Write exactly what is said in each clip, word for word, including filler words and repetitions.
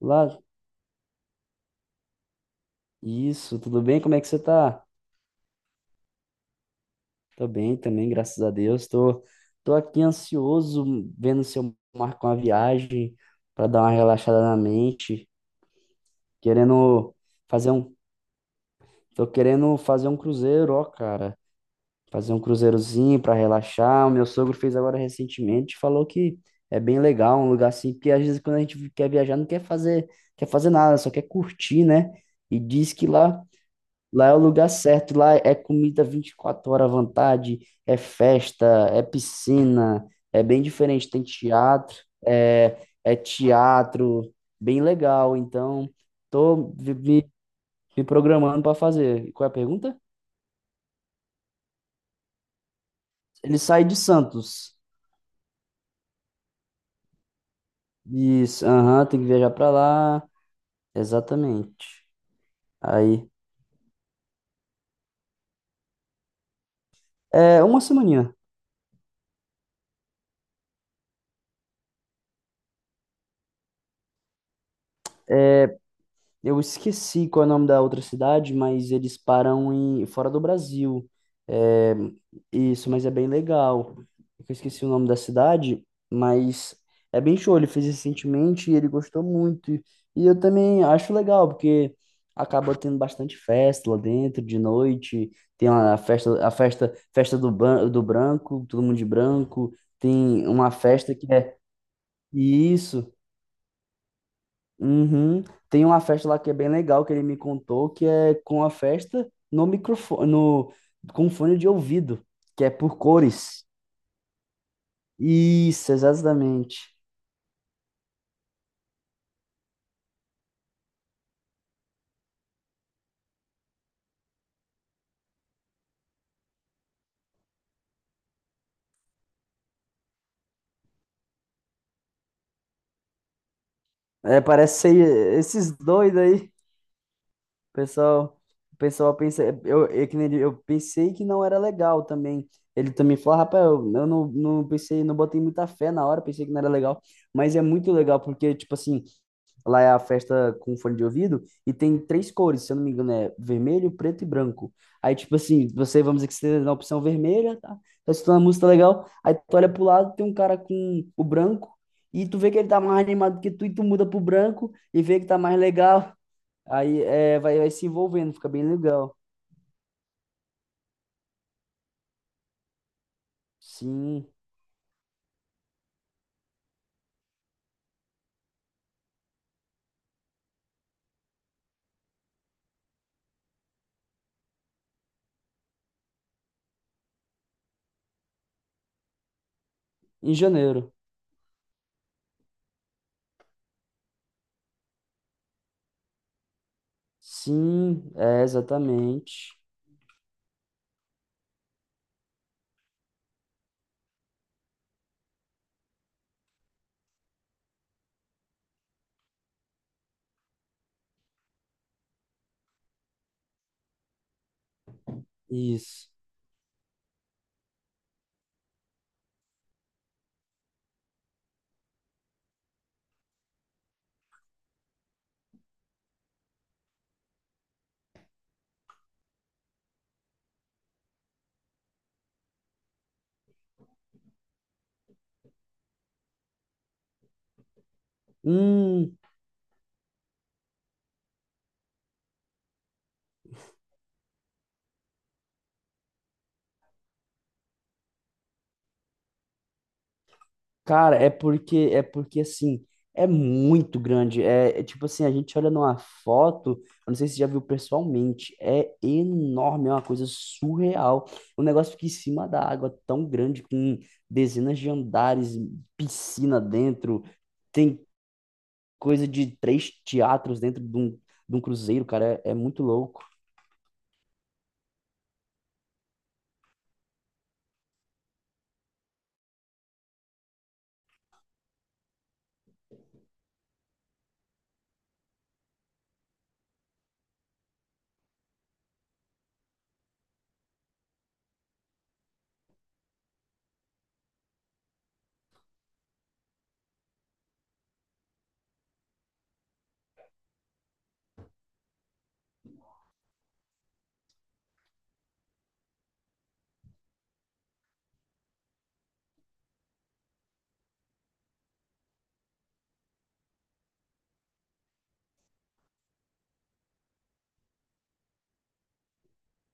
Lá, isso, tudo bem? Como é que você tá? Tô bem também, graças a Deus. Tô, tô aqui ansioso, vendo se eu marco uma viagem para dar uma relaxada na mente, querendo fazer um, tô querendo fazer um cruzeiro, ó, cara. Fazer um cruzeirozinho para relaxar. O meu sogro fez agora recentemente, falou que é bem legal, um lugar assim, porque às vezes quando a gente quer viajar não quer fazer, quer fazer nada, só quer curtir, né? E diz que lá Lá é o lugar certo, lá é comida vinte e quatro horas à vontade, é festa, é piscina, é bem diferente, tem teatro, é, é teatro, bem legal. Então, tô vi- me, me programando para fazer. Qual é a pergunta? Ele sai de Santos. Isso, aham, tem que viajar para lá. Exatamente. Aí, é uma semaninha. Eu esqueci qual é o nome da outra cidade, mas eles param em fora do Brasil. É, isso, mas é bem legal. Eu esqueci o nome da cidade, mas é bem show. Ele fez recentemente e ele gostou muito. E eu também acho legal, porque acaba tendo bastante festa lá dentro de noite. Tem a festa, a festa, festa do, ban- do branco, todo mundo de branco. Tem uma festa que é isso. Uhum. Tem uma festa lá que é bem legal, que ele me contou, que é com a festa no microfone, no, com fone de ouvido, que é por cores. Isso, exatamente. É, parece ser esses doidos aí, pessoal. O pessoal pensa, eu, eu, que nem ele- eu pensei que não era legal também. Ele também falou, rapaz, eu, eu não, não pensei, não botei muita fé na hora, pensei que não era legal. Mas é muito legal, porque, tipo assim, lá é a festa com um fone de ouvido e tem três cores, se eu não me engano, é vermelho, preto e branco. Aí, tipo assim, você, vamos dizer que você tá na opção vermelha, tá? Tá escutando a música legal, aí tu olha pro lado, tem um cara com o branco e tu vê que ele tá mais animado que tu e tu muda pro branco e vê que tá mais legal. Aí é, vai, vai se envolvendo, fica bem legal. Sim, em janeiro. Sim, é exatamente isso. Hum, Cara, é porque é porque assim, é muito grande. É, é tipo assim, a gente olha numa foto, eu não sei se você já viu pessoalmente, é enorme, é uma coisa surreal. Um negócio fica em cima da água, tão grande, com dezenas de andares, piscina dentro, tem coisa de três teatros dentro de um, de um cruzeiro, cara, é, é muito louco.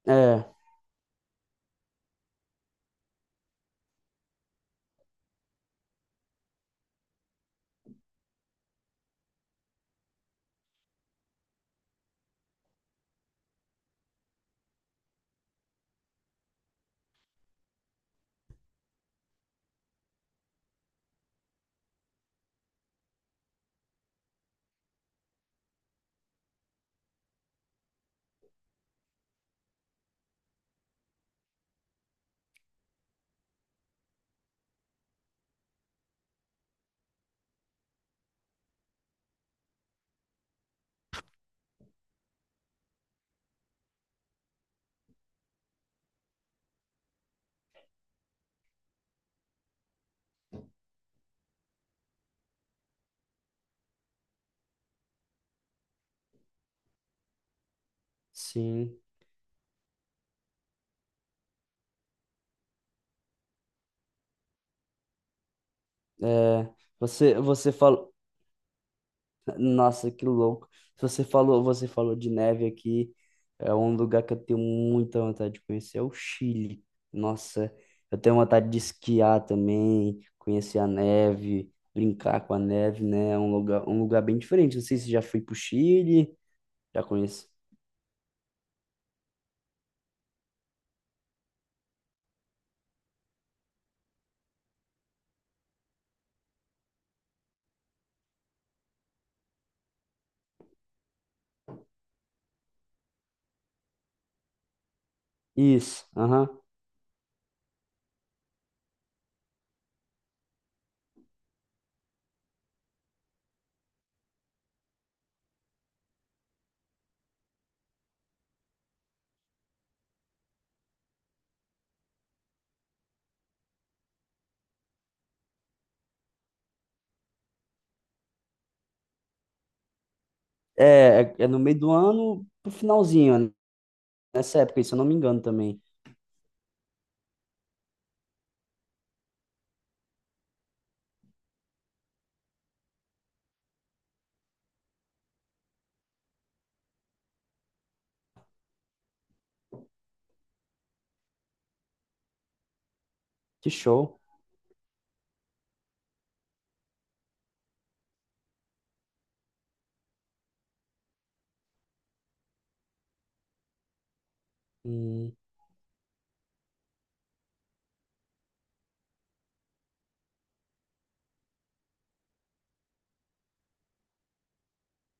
É, sim. É, você você falou. Nossa, que louco. Você falou, você falou de neve aqui. É um lugar que eu tenho muita vontade de conhecer, é o Chile. Nossa, eu tenho vontade de esquiar também, conhecer a neve, brincar com a neve, né? É um lugar, um lugar bem diferente. Não sei se já fui pro Chile, já conheço. Isso, aham. É, é, é no meio do ano, pro finalzinho, né? Nessa época, se eu não me engano também. Que show.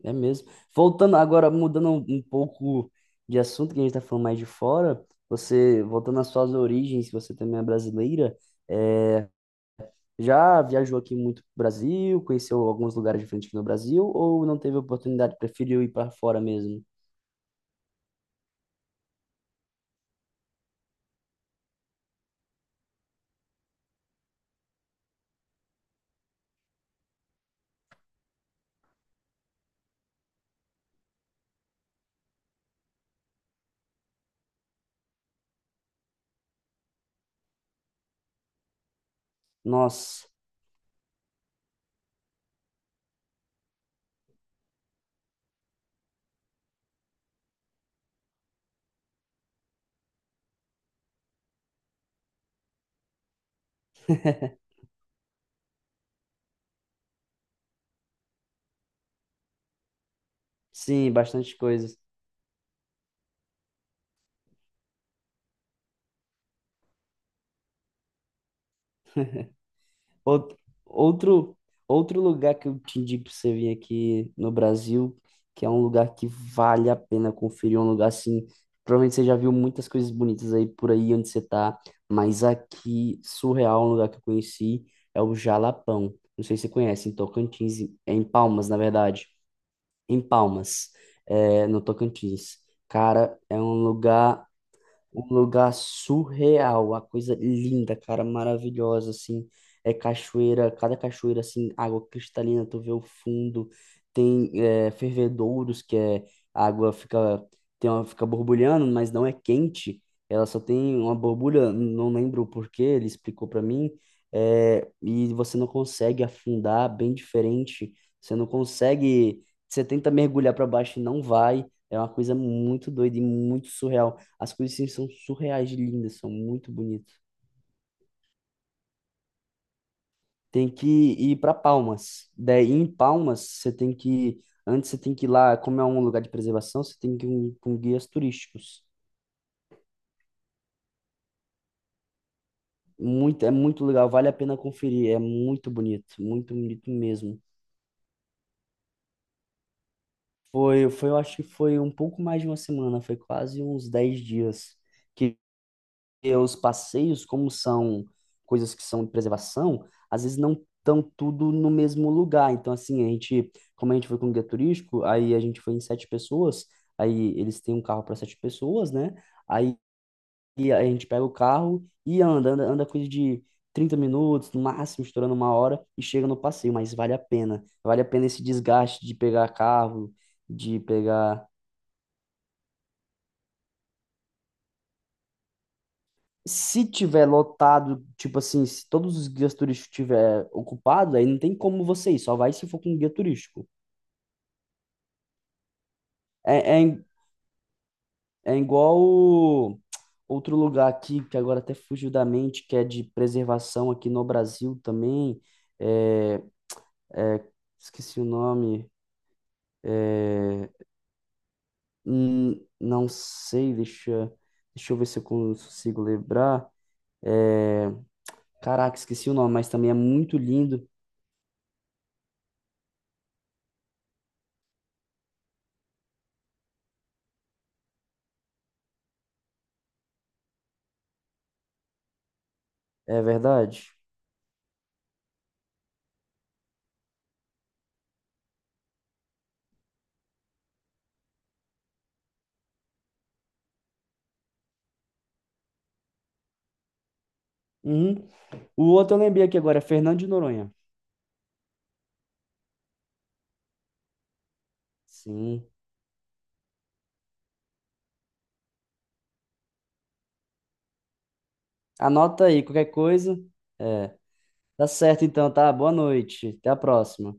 É mesmo. Voltando agora, mudando um um pouco de assunto, que a gente está falando mais de fora, você, voltando às suas origens, você também é brasileira, é, já viajou aqui muito pro Brasil, conheceu alguns lugares diferentes aqui no Brasil, ou não teve oportunidade, preferiu ir para fora mesmo? Nossa, sim, bastante coisa. Out- Outro, outro lugar que eu te indico pra você vir aqui no Brasil, que é um lugar que vale a pena conferir, um lugar assim, provavelmente você já viu muitas coisas bonitas aí por aí onde você tá, mas aqui, surreal, um lugar que eu conheci, é o Jalapão. Não sei se você conhece, em Tocantins, é em Palmas, na verdade, em Palmas, é, no Tocantins. Cara, é um lugar um lugar surreal, uma coisa linda, cara, maravilhosa, assim. É cachoeira, cada cachoeira, assim, água cristalina, tu vê o fundo. Tem é, fervedouros, que é a água fica, tem uma, fica borbulhando, mas não é quente. Ela só tem uma borbulha, não lembro o porquê, ele explicou pra mim. É, e você não consegue afundar, bem diferente. Você não consegue, você tenta mergulhar pra baixo e não vai. É uma coisa muito doida e muito surreal. As coisas assim, são surreais de lindas, são muito bonitas. Tem que ir para Palmas. Daí em Palmas, você tem que. Antes você tem que ir lá, como é um lugar de preservação, você tem que ir com com guias turísticos. Muito, é muito legal, vale a pena conferir. É muito bonito, muito bonito mesmo. Foi, foi, eu acho que foi um pouco mais de uma semana, foi quase uns dez dias que porque os passeios, como são coisas que são de preservação, às vezes não estão tudo no mesmo lugar. Então, assim, a gente, como a gente foi com o guia turístico, aí a gente foi em sete pessoas, aí eles têm um carro para sete pessoas, né? Aí a gente pega o carro e anda, anda, anda coisa de trinta minutos, no máximo, estourando uma hora, e chega no passeio, mas vale a pena. Vale a pena esse desgaste de pegar carro, de pegar. Se tiver lotado, tipo assim, se todos os guias turísticos tiver ocupado, aí não tem como você ir, só vai se for com um guia turístico. É, é, é igual o- outro lugar aqui, que agora até fugiu da mente, que é de preservação aqui no Brasil também. É, é, esqueci o nome. É, hum, não sei, deixa, deixa eu ver se eu consigo lembrar. É, caraca, esqueci o nome, mas também é muito lindo, é verdade? Uhum. O outro eu lembrei aqui agora, é Fernando de Noronha. Sim. Anota aí, qualquer coisa. Tá certo então, tá? Boa noite. Até a próxima.